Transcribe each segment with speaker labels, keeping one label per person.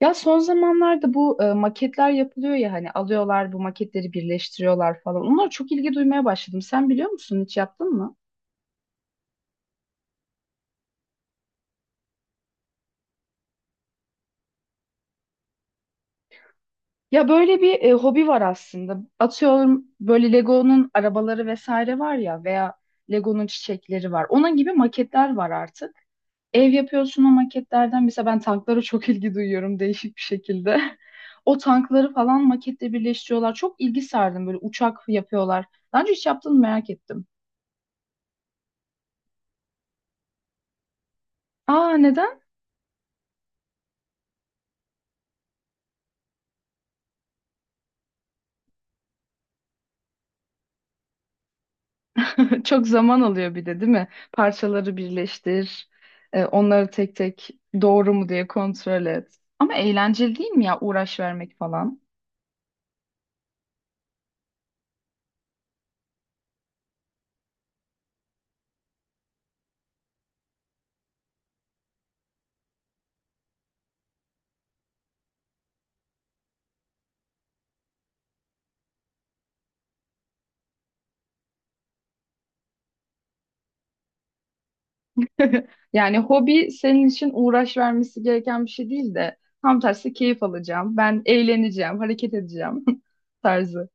Speaker 1: Ya son zamanlarda bu maketler yapılıyor ya hani alıyorlar bu maketleri birleştiriyorlar falan. Onlara çok ilgi duymaya başladım. Sen biliyor musun, hiç yaptın mı? Ya böyle bir hobi var aslında. Atıyorum böyle Lego'nun arabaları vesaire var ya, veya Lego'nun çiçekleri var. Onun gibi maketler var artık. Ev yapıyorsun o maketlerden. Mesela ben tanklara çok ilgi duyuyorum, değişik bir şekilde. O tankları falan maketle birleştiriyorlar. Çok ilgi sardım, böyle uçak yapıyorlar. Daha önce hiç yaptın mı, merak ettim. Aa, neden? Çok zaman alıyor bir de, değil mi? Parçaları birleştir, onları tek tek doğru mu diye kontrol et. Ama eğlenceli değil mi ya, uğraş vermek falan? Yani hobi senin için uğraş vermesi gereken bir şey değil de tam tersi, keyif alacağım, ben eğleneceğim, hareket edeceğim tarzı.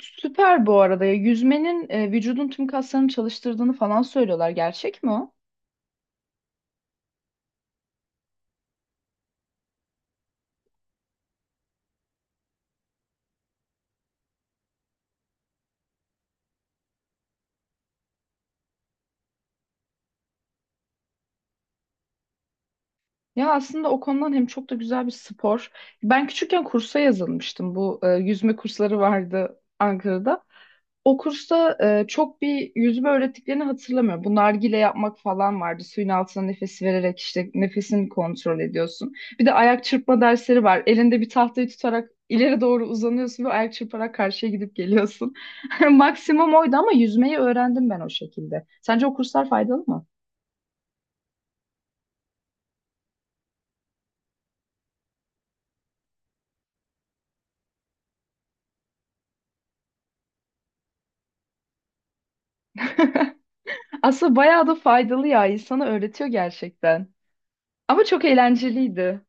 Speaker 1: Süper bu arada ya, yüzmenin vücudun tüm kaslarını çalıştırdığını falan söylüyorlar. Gerçek mi o? Ya aslında o konudan hem çok da güzel bir spor. Ben küçükken kursa yazılmıştım. Bu yüzme kursları vardı Ankara'da. O kursta çok bir yüzme öğrettiklerini hatırlamıyorum. Bu nargile yapmak falan vardı. Suyun altına nefesi vererek işte nefesini kontrol ediyorsun. Bir de ayak çırpma dersleri var. Elinde bir tahtayı tutarak ileri doğru uzanıyorsun ve ayak çırparak karşıya gidip geliyorsun. Maksimum oydu, ama yüzmeyi öğrendim ben o şekilde. Sence o kurslar faydalı mı? Aslında bayağı da faydalı ya. İnsana öğretiyor gerçekten. Ama çok eğlenceliydi.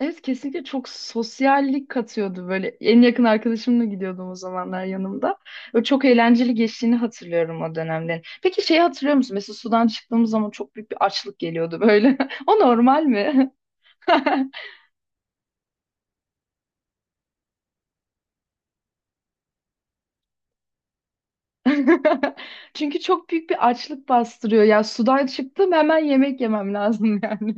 Speaker 1: Evet, kesinlikle çok sosyallik katıyordu böyle. En yakın arkadaşımla gidiyordum o zamanlar yanımda. Ve çok eğlenceli geçtiğini hatırlıyorum o dönemlerin. Peki şeyi hatırlıyor musun? Mesela sudan çıktığımız zaman çok büyük bir açlık geliyordu böyle. O normal mi? Çünkü çok büyük bir açlık bastırıyor. Ya sudan çıktım, hemen yemek yemem lazım yani.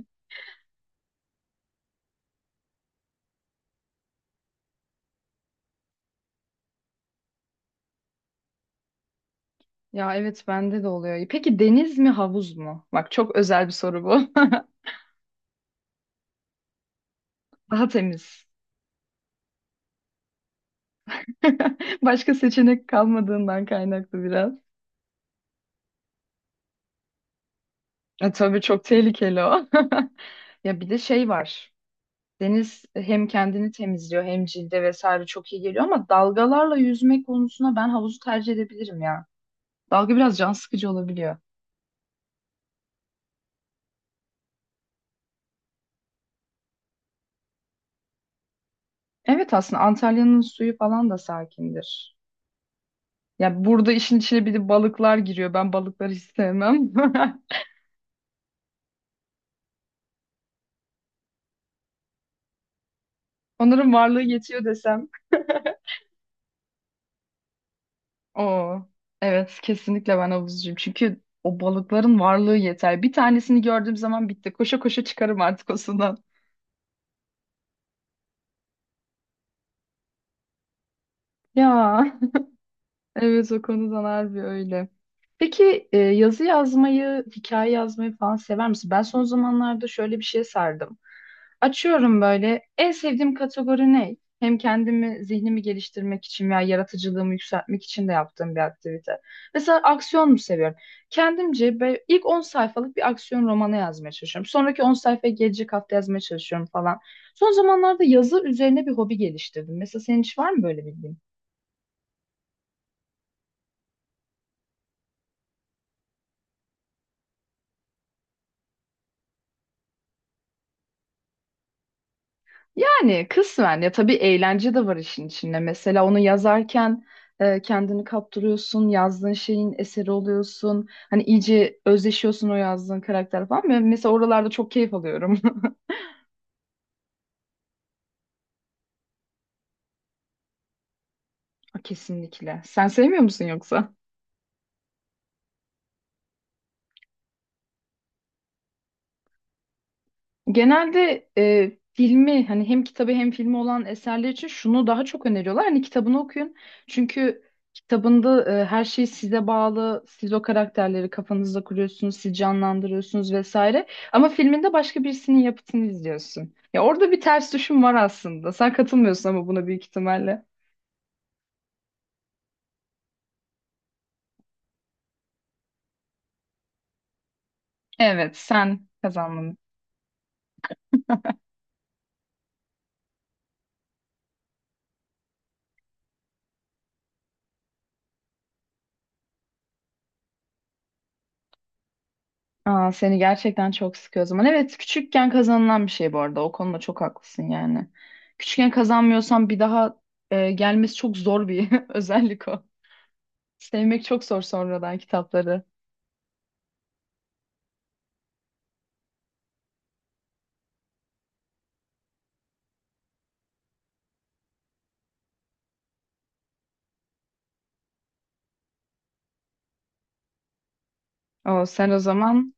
Speaker 1: Ya evet, bende de oluyor. Peki deniz mi, havuz mu? Bak, çok özel bir soru bu. Daha temiz. Başka seçenek kalmadığından kaynaklı biraz. E, tabii, çok tehlikeli o. Ya bir de şey var. Deniz hem kendini temizliyor hem cilde vesaire çok iyi geliyor, ama dalgalarla yüzme konusuna ben havuzu tercih edebilirim ya. Dalga biraz can sıkıcı olabiliyor. Evet, aslında Antalya'nın suyu falan da sakindir. Ya burada işin içine bir de balıklar giriyor. Ben balıkları hiç sevmem. Onların varlığı yetiyor desem. Oo, evet, kesinlikle ben havuzcuyum. Çünkü o balıkların varlığı yeter. Bir tanesini gördüğüm zaman bitti. Koşa koşa çıkarım artık o sudan. Ya. Evet, o konudan harbi öyle. Peki yazı yazmayı, hikaye yazmayı falan sever misin? Ben son zamanlarda şöyle bir şeye sardım. Açıyorum böyle. En sevdiğim kategori ne? Hem kendimi, zihnimi geliştirmek için veya yaratıcılığımı yükseltmek için de yaptığım bir aktivite. Mesela aksiyon mu seviyorum? İlk 10 sayfalık bir aksiyon romanı yazmaya çalışıyorum. Sonraki 10 sayfayı gelecek hafta yazmaya çalışıyorum falan. Son zamanlarda yazı üzerine bir hobi geliştirdim. Mesela senin hiç var mı böyle bildiğin? Yani kısmen ya, tabii eğlence de var işin içinde. Mesela onu yazarken kendini kaptırıyorsun, yazdığın şeyin eseri oluyorsun. Hani iyice özleşiyorsun o yazdığın karakter falan. Ben mesela oralarda çok keyif alıyorum. Kesinlikle. Sen sevmiyor musun yoksa? Genelde filmi hani, hem kitabı hem filmi olan eserler için şunu daha çok öneriyorlar. Hani kitabını okuyun. Çünkü kitabında her şey size bağlı. Siz o karakterleri kafanızda kuruyorsunuz, siz canlandırıyorsunuz vesaire. Ama filminde başka birisinin yapıtını izliyorsun. Ya orada bir ters düşüm var aslında. Sen katılmıyorsun ama buna, büyük ihtimalle. Evet, sen kazandın. Aa, seni gerçekten çok sıkıyor o zaman. Evet, küçükken kazanılan bir şey bu arada. O konuda çok haklısın yani. Küçükken kazanmıyorsan bir daha gelmesi çok zor bir özellik o. Sevmek çok zor sonradan kitapları. O, sen o zaman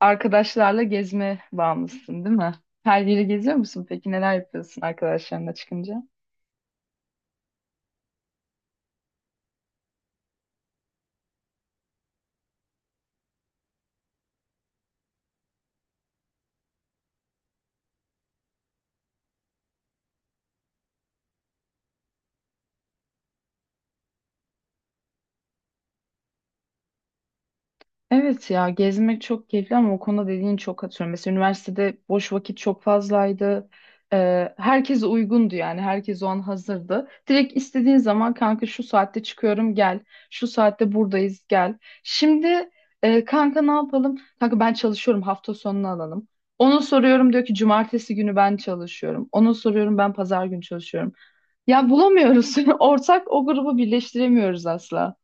Speaker 1: arkadaşlarla gezme bağımlısın, değil mi? Her yeri geziyor musun? Peki neler yapıyorsun arkadaşlarınla çıkınca? Evet ya, gezmek çok keyifli ama o konuda dediğin çok, atıyorum. Mesela üniversitede boş vakit çok fazlaydı. Herkes uygundu, yani herkes o an hazırdı. Direkt istediğin zaman, kanka şu saatte çıkıyorum gel. Şu saatte buradayız gel. Şimdi kanka ne yapalım? Kanka ben çalışıyorum, hafta sonunu alalım. Onu soruyorum, diyor ki cumartesi günü ben çalışıyorum. Onu soruyorum, ben pazar günü çalışıyorum. Ya bulamıyoruz. Ortak o grubu birleştiremiyoruz asla.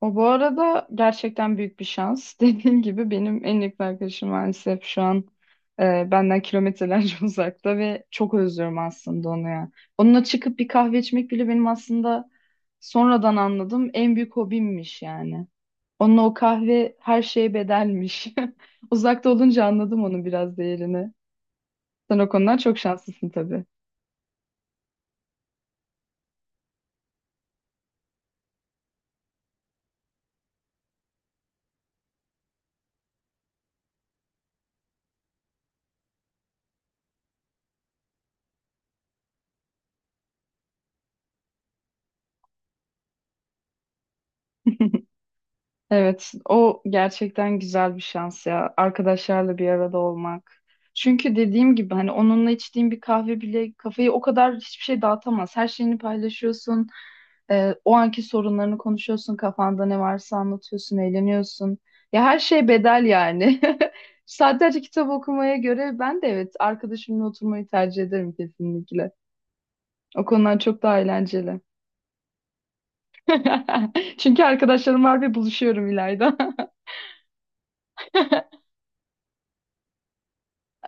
Speaker 1: O bu arada gerçekten büyük bir şans. Dediğim gibi, benim en yakın arkadaşım maalesef şu an benden kilometrelerce uzakta ve çok özlüyorum aslında onu ya. Onunla çıkıp bir kahve içmek bile benim aslında, sonradan anladım, en büyük hobimmiş yani. Onunla o kahve her şeye bedelmiş. Uzakta olunca anladım onun biraz değerini. Sen o konudan çok şanslısın tabii. Evet, o gerçekten güzel bir şans ya. Arkadaşlarla bir arada olmak. Çünkü dediğim gibi hani, onunla içtiğin bir kahve bile, kafayı o kadar hiçbir şey dağıtamaz. Her şeyini paylaşıyorsun. O anki sorunlarını konuşuyorsun. Kafanda ne varsa anlatıyorsun, eğleniyorsun. Ya her şey bedel yani. Saatlerce kitap okumaya göre ben de evet, arkadaşımla oturmayı tercih ederim kesinlikle. O konular çok daha eğlenceli. Çünkü arkadaşlarım var ve buluşuyorum İlayda.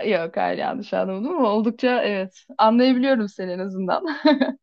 Speaker 1: Yok hayır, yanlış anlamadım, ama oldukça, evet, anlayabiliyorum seni en azından.